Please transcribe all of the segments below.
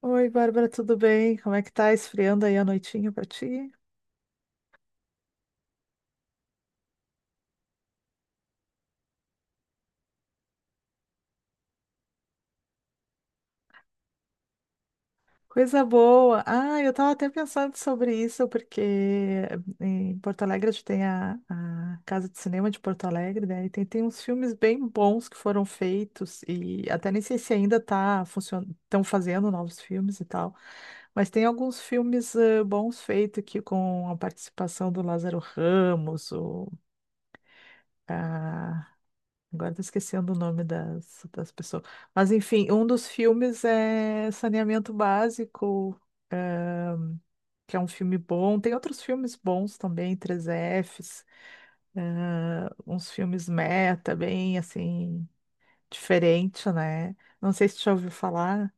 Oi, Bárbara, tudo bem? Como é que tá esfriando aí a noitinha pra ti? Coisa boa! Ah, eu tava até pensando sobre isso, porque em Porto Alegre a gente tem a Casa de Cinema de Porto Alegre, né? E tem uns filmes bem bons que foram feitos, e até nem sei se ainda tá funcionando, estão fazendo novos filmes e tal, mas tem alguns filmes bons feitos aqui com a participação do Lázaro Ramos, agora tô esquecendo o nome das pessoas. Mas enfim, um dos filmes é Saneamento Básico, é, que é um filme bom. Tem outros filmes bons também, três fs uns filmes meta, bem assim, diferente, né? Não sei se tu já ouviu falar.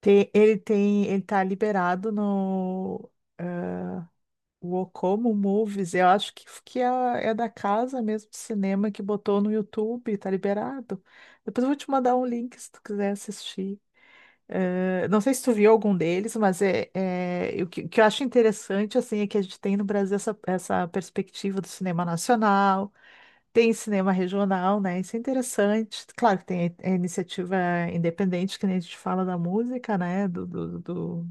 Ele tem, ele tá liberado no. é, O Ocomo Movies, eu acho que é, é da casa mesmo de cinema que botou no YouTube, tá liberado. Depois eu vou te mandar um link se tu quiser assistir. Não sei se tu viu algum deles, mas o que eu acho interessante assim é que a gente tem no Brasil essa perspectiva do cinema nacional, tem cinema regional, né? Isso é interessante. Claro que tem a iniciativa independente, que nem a gente fala da música, né?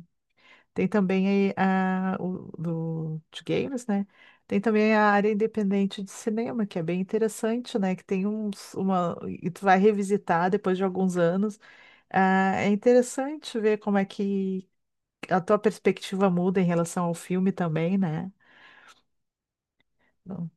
Tem também aí de games, né? Tem também a área independente de cinema, que é bem interessante, né? Que tem e tu vai revisitar depois de alguns anos. Ah, é interessante ver como é que a tua perspectiva muda em relação ao filme também, né? Não,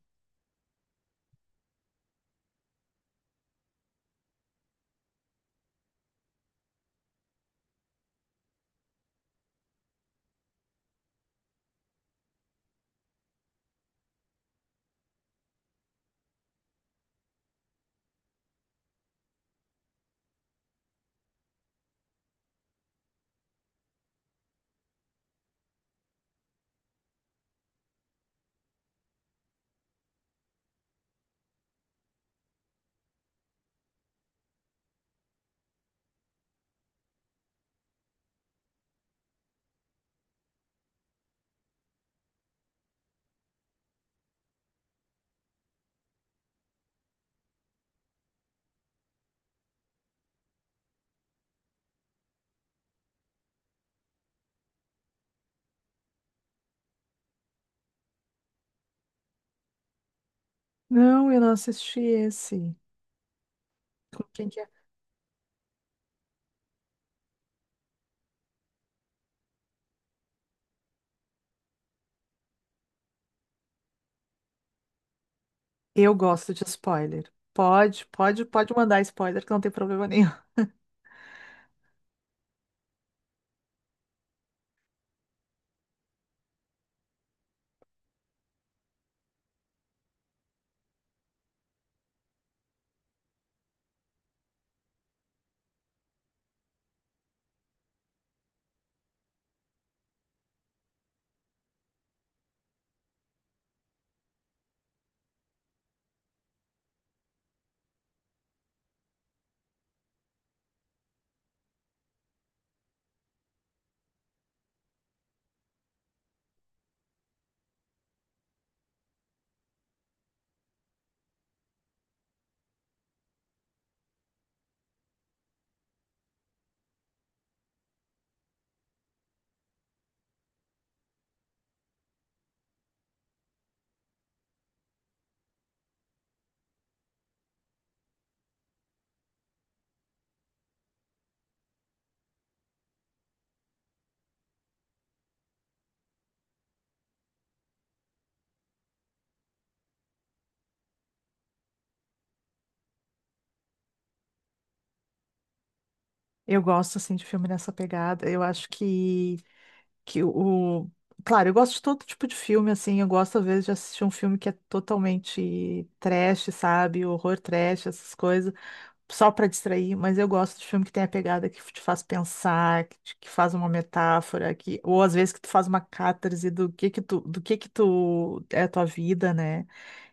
Não, eu não assisti esse. Com quem que é? Eu gosto de spoiler. Pode, pode, pode mandar spoiler, que não tem problema nenhum. Eu gosto, assim, de filme nessa pegada. Eu acho que o... Claro, eu gosto de todo tipo de filme, assim, eu gosto às vezes de assistir um filme que é totalmente trash, sabe? Horror trash, essas coisas, só pra distrair, mas eu gosto de filme que tem a pegada que te faz pensar, que faz uma metáfora, que... ou às vezes que tu faz uma catarse do que tu, do que tu é a tua vida, né?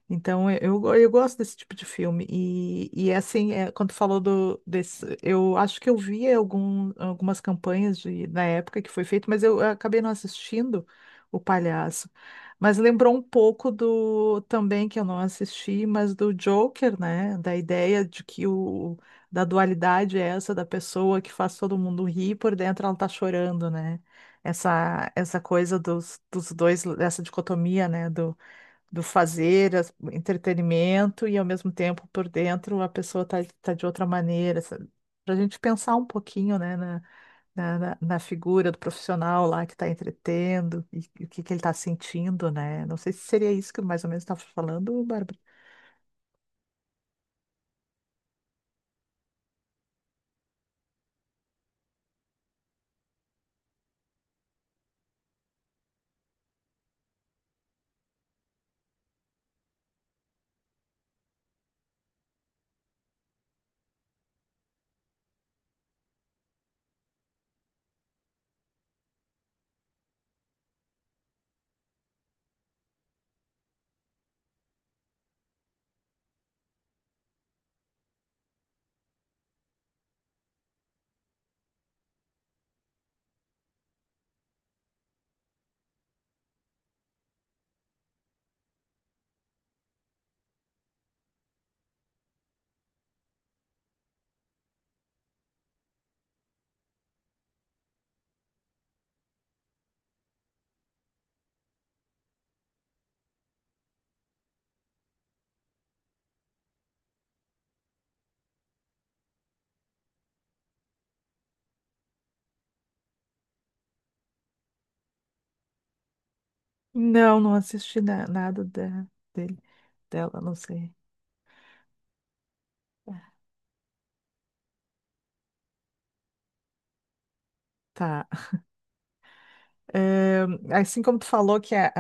Então, eu gosto desse tipo de filme. E é assim, é, quando tu falou desse, eu acho que eu vi algumas campanhas de, na época que foi feito, mas eu acabei não assistindo O Palhaço. Mas lembrou um pouco do, também, que eu não assisti, mas do Joker, né? Da ideia de da dualidade é essa, da pessoa que faz todo mundo rir, por dentro ela tá chorando, né? Essa coisa dos dois, essa dicotomia, né? do fazer, entretenimento, e ao mesmo tempo por dentro a pessoa tá de outra maneira. Para a gente pensar um pouquinho, né, na figura do profissional lá que está entretendo e o que ele está sentindo, né? Não sei se seria isso que mais ou menos estava falando, Bárbara. Nada dele, dela, não sei. Tá. Eh, assim como tu falou que a,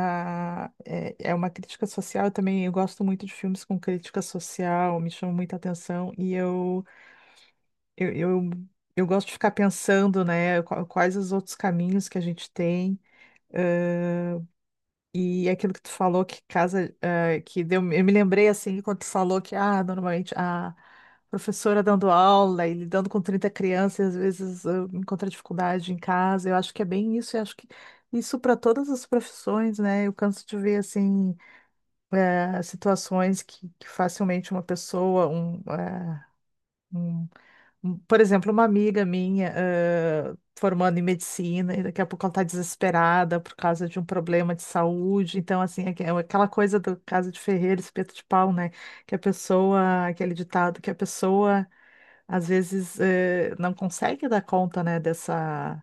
a- é, é uma crítica social, eu também eu gosto muito de filmes com crítica social, me chama muita atenção e eu Eu, eu, eu gosto de ficar pensando, né, quais os outros caminhos que a gente tem. ãh, e aquilo que tu falou que casa, que deu, eu me lembrei assim, quando tu falou que, ah, normalmente a professora dando aula e lidando com 30 crianças, às vezes encontra dificuldade em casa. Eu acho que é bem isso, eu acho que isso para todas as profissões, né? Eu canso de ver assim, situações que facilmente uma pessoa, um, por exemplo, uma amiga minha, formando em medicina, e daqui a pouco ela está desesperada por causa de um problema de saúde. Então, assim, aquela coisa do caso de Ferreira, espeto de pau, né? Que a pessoa, aquele ditado, que a pessoa às vezes não consegue dar conta, né, dessa.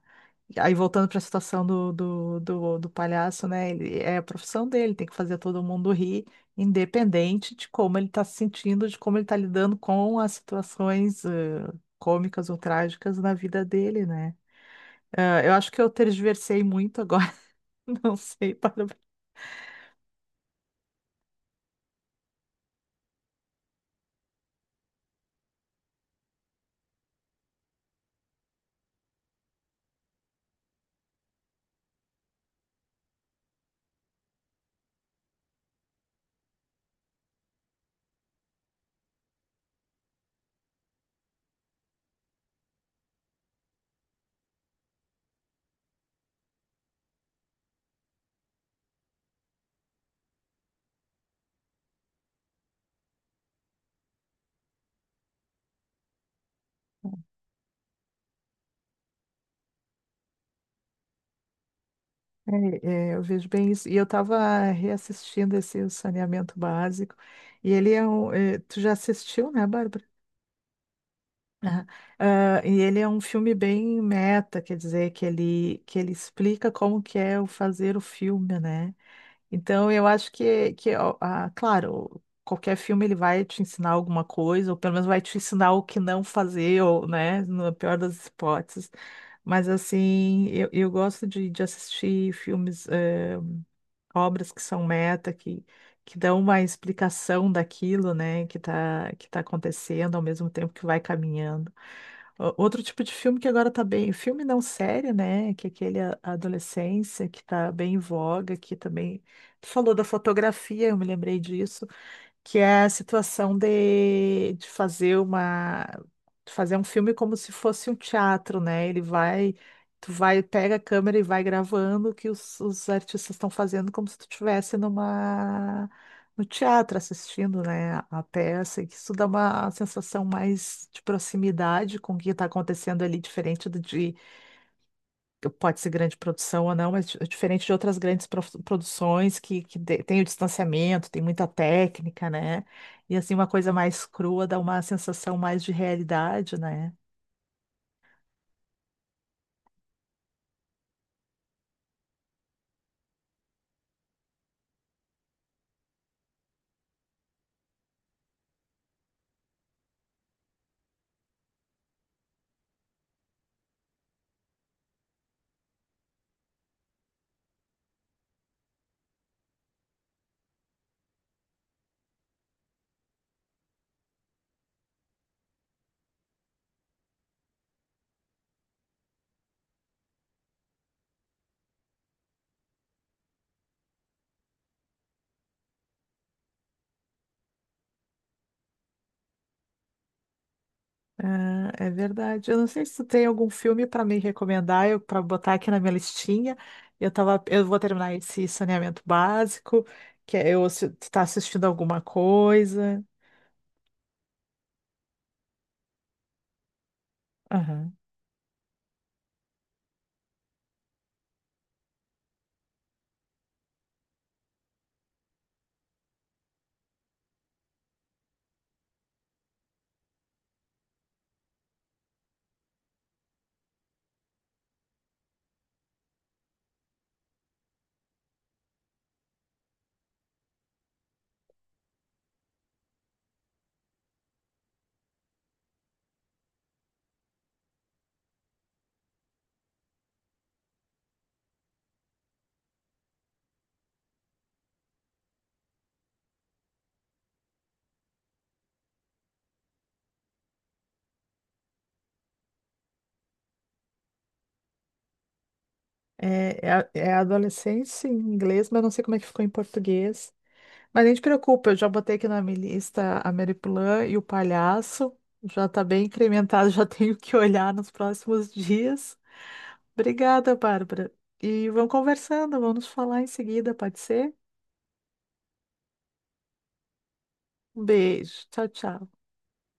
Aí voltando para a situação do palhaço, né? Ele, é a profissão dele, tem que fazer todo mundo rir, independente de como ele está se sentindo, de como ele está lidando com as situações cômicas ou trágicas na vida dele, né? Ah, eu acho que eu tergiversei muito agora, não sei, para... É, é, eu vejo bem isso. E eu estava reassistindo esse O Saneamento Básico, e ele é um. Tu já assistiu, né, Bárbara? Aham. Ah, e ele é um filme bem meta, quer dizer, que ele explica como que é o fazer o filme, né? Então, eu acho que ó, ah, claro, qualquer filme ele vai te ensinar alguma coisa, ou pelo menos vai te ensinar o que não fazer, ou, né, na pior das hipóteses. Mas, assim, eu gosto de assistir filmes, obras que são meta, que dão uma explicação daquilo, né, que tá acontecendo ao mesmo tempo que vai caminhando. Outro tipo de filme que agora tá bem, filme não série, né? Que é aquele a adolescência que tá bem em voga, que também. Tu falou da fotografia, eu me lembrei disso que é a situação de fazer uma de fazer um filme como se fosse um teatro, né? Tu vai, pega a câmera e vai gravando o que os artistas estão fazendo como se tu estivesse numa no teatro assistindo, né, a peça, e que isso dá uma sensação mais de proximidade com o que está acontecendo ali, diferente do de pode ser grande produção ou não, mas diferente de outras grandes produções que tem o distanciamento, tem muita técnica, né? E assim, uma coisa mais crua dá uma sensação mais de realidade, né? Ah, é verdade. Eu não sei se tu tem algum filme para me recomendar, eu para botar aqui na minha listinha. Eu vou terminar esse saneamento básico, que é eu se tu tá assistindo alguma coisa. Aham. É, é, é adolescência em inglês, mas eu não sei como é que ficou em português. Mas nem te preocupa, eu já botei aqui na minha lista a Mary Plan e o Palhaço. Já tá bem incrementado, já tenho que olhar nos próximos dias. Obrigada, Bárbara. E vamos conversando, vamos falar em seguida, pode ser? Um beijo. Tchau, tchau.